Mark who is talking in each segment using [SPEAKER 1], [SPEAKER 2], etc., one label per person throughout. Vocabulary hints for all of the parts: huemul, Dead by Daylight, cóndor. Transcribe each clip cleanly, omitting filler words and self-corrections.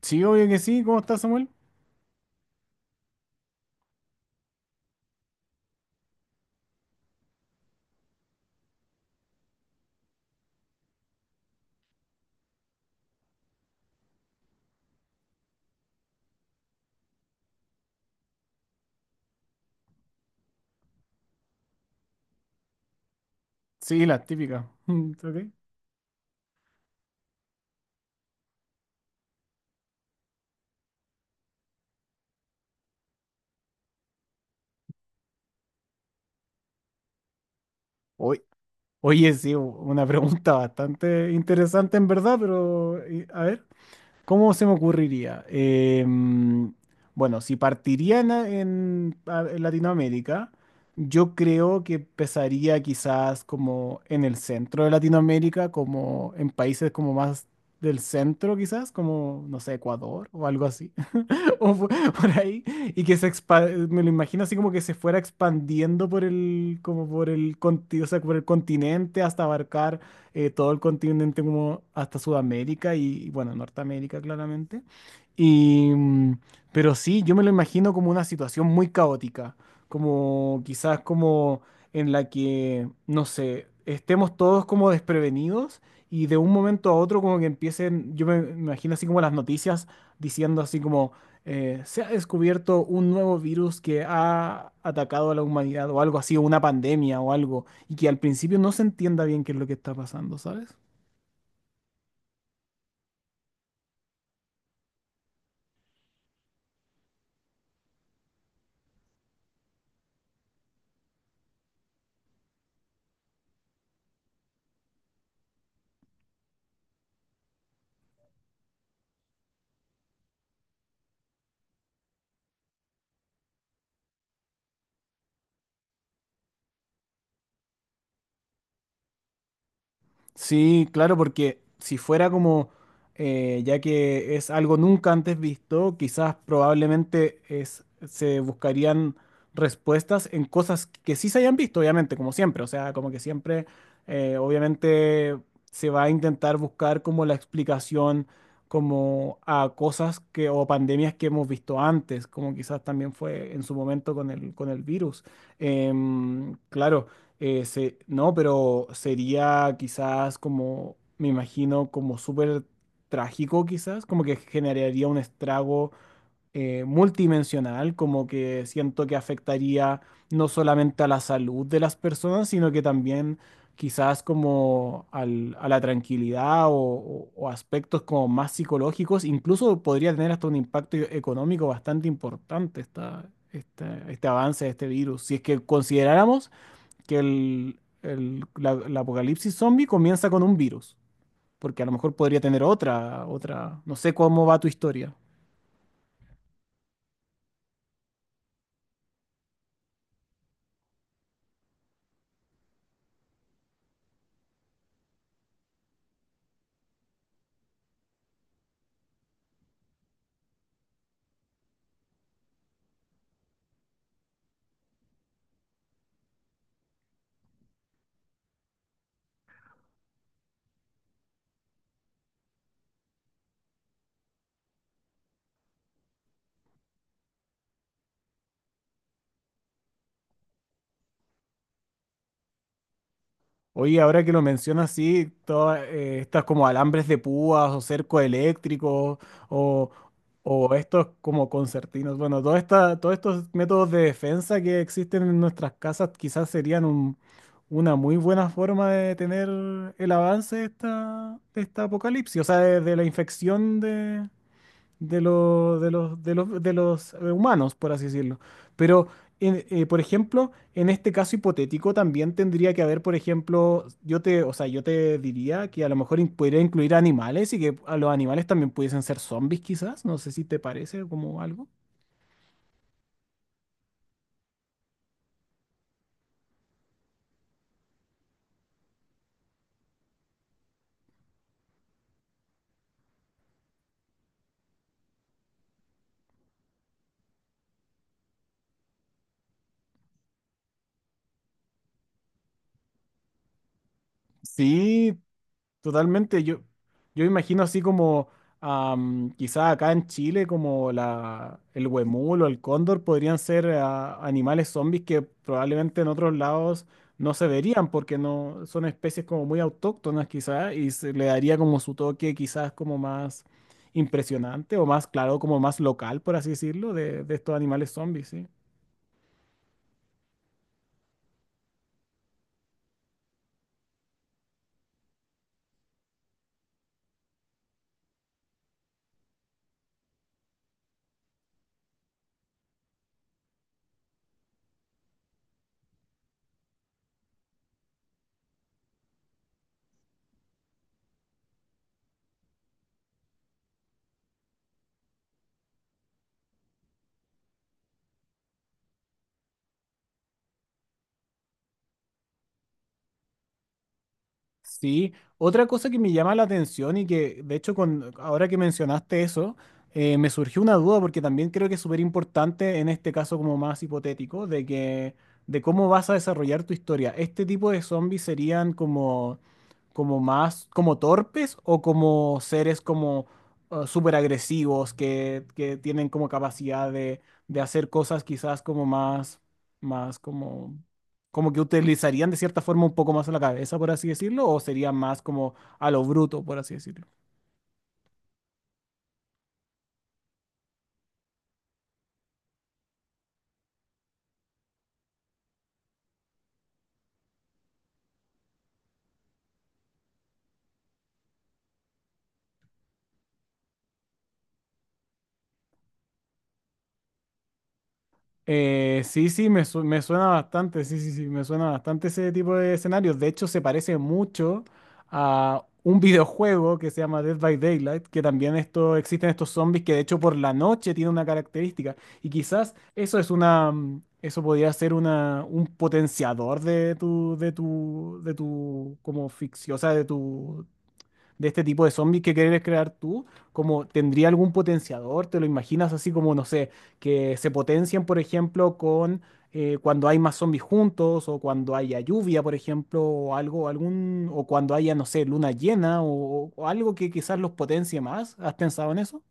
[SPEAKER 1] Sí, obvio que sí. ¿Cómo estás, Samuel? Sí, las típicas. Mm, ok. Oy- Oye, sí, una pregunta bastante interesante en verdad, pero a ver, ¿cómo se me ocurriría? Bueno, si partiría en, en Latinoamérica, yo creo que empezaría quizás como en el centro de Latinoamérica, como en países como más del centro quizás, como, no sé, Ecuador o algo así. Por ahí, y que me lo imagino así como que se fuera expandiendo por el, como por el, o sea, por el continente hasta abarcar todo el continente como hasta Sudamérica y, bueno, Norteamérica claramente. Y, mm, pero sí, yo me lo imagino como una situación muy caótica, como quizás como en la que, no sé, estemos todos como desprevenidos y de un momento a otro como que empiecen, yo me imagino así como las noticias diciendo así como se ha descubierto un nuevo virus que ha atacado a la humanidad o algo así, o una pandemia o algo, y que al principio no se entienda bien qué es lo que está pasando, ¿sabes? Sí, claro, porque si fuera como, ya que es algo nunca antes visto, quizás probablemente es, se buscarían respuestas en cosas que sí se hayan visto, obviamente, como siempre. O sea, como que siempre, obviamente, se va a intentar buscar como la explicación como a cosas que o pandemias que hemos visto antes, como quizás también fue en su momento con el virus. Claro. No, pero sería quizás como, me imagino, como súper trágico quizás, como que generaría un estrago multidimensional, como que siento que afectaría no solamente a la salud de las personas, sino que también quizás como a la tranquilidad o, o aspectos como más psicológicos, incluso podría tener hasta un impacto económico bastante importante esta, este avance de este virus, si es que consideráramos que el, la, la apocalipsis zombie comienza con un virus, porque a lo mejor podría tener otra, otra, no sé cómo va tu historia. Oye, ahora que lo mencionas, sí, todas estas como alambres de púas o cerco eléctrico o, o estos como concertinos, bueno, todos estos métodos de defensa que existen en nuestras casas quizás serían una muy buena forma de tener el avance de esta apocalipsis, o sea, de la infección de los, de los, de los, de los humanos, por así decirlo. Pero, por ejemplo, en este caso hipotético también tendría que haber, por ejemplo, yo te, o sea, yo te diría que a lo mejor podría incluir animales y que a los animales también pudiesen ser zombies, quizás. No sé si te parece como algo. Sí, totalmente, yo imagino así como quizá acá en Chile como la, el huemul o el cóndor podrían ser animales zombies que probablemente en otros lados no se verían porque no son especies como muy autóctonas quizá y se le daría como su toque quizás como más impresionante o más claro, como más local por así decirlo de estos animales zombies, ¿sí? Sí, otra cosa que me llama la atención y que de hecho con, ahora que mencionaste eso, me surgió una duda porque también creo que es súper importante en este caso como más hipotético de que de cómo vas a desarrollar tu historia. ¿Este tipo de zombies serían como, como más como torpes o como seres como súper agresivos que tienen como capacidad de hacer cosas quizás como más, más como como que utilizarían de cierta forma un poco más la cabeza, por así decirlo, o sería más como a lo bruto, por así decirlo? Sí, sí, me, me suena bastante, sí, sí, sí, me suena bastante ese tipo de escenarios. De hecho, se parece mucho a un videojuego que se llama Dead by Daylight, que también esto, existen estos zombies que de hecho por la noche tienen una característica. Y quizás eso es una, eso podría ser una, un potenciador de tu, de tu, de tu, como ficción, o sea, de tu de este tipo de zombies que quieres crear tú, como tendría algún potenciador, te lo imaginas así como, no sé, que se potencian, por ejemplo, con cuando hay más zombies juntos, o cuando haya lluvia, por ejemplo, o algo, algún, o cuando haya, no sé, luna llena, o algo que quizás los potencie más. ¿Has pensado en eso?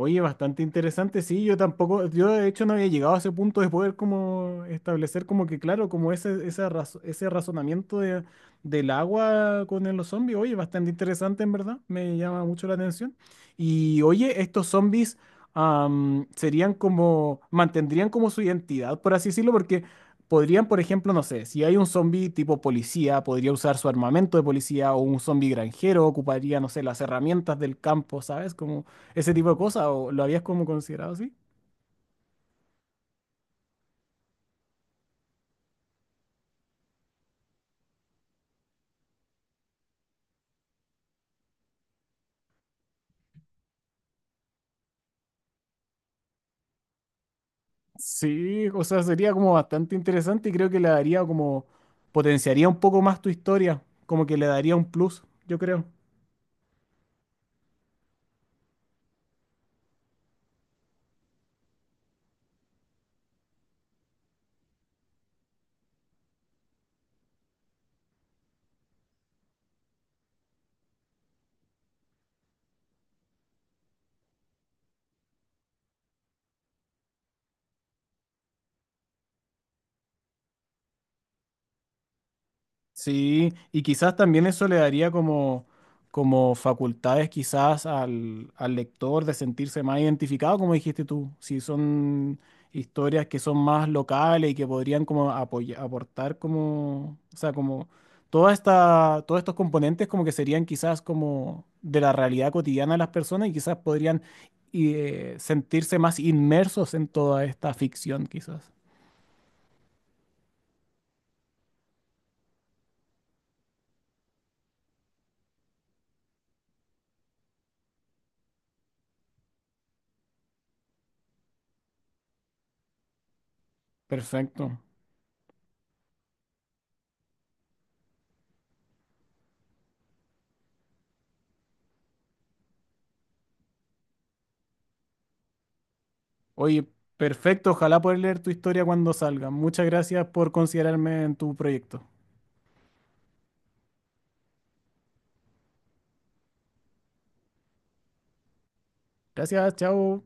[SPEAKER 1] Oye, bastante interesante, sí, yo tampoco, yo de hecho no había llegado a ese punto de poder como establecer como que, claro, como ese, ese razonamiento del agua con los zombies, oye, bastante interesante en verdad, me llama mucho la atención. Y oye, estos zombies serían como, mantendrían como su identidad, por así decirlo, porque podrían, por ejemplo, no sé, si hay un zombie tipo policía, podría usar su armamento de policía o un zombie granjero, ocuparía, no sé, las herramientas del campo, ¿sabes? ¿Como ese tipo de cosas, o lo habías como considerado así? Sí, o sea, sería como bastante interesante y creo que le daría como, potenciaría un poco más tu historia, como que le daría un plus, yo creo. Sí, y quizás también eso le daría como, como facultades quizás al, al lector de sentirse más identificado, como dijiste tú, si son historias que son más locales y que podrían como aportar como, o sea, como toda esta, todos estos componentes como que serían quizás como de la realidad cotidiana de las personas y quizás podrían sentirse más inmersos en toda esta ficción quizás. Perfecto. Oye, perfecto. Ojalá poder leer tu historia cuando salga. Muchas gracias por considerarme en tu proyecto. Gracias, chao.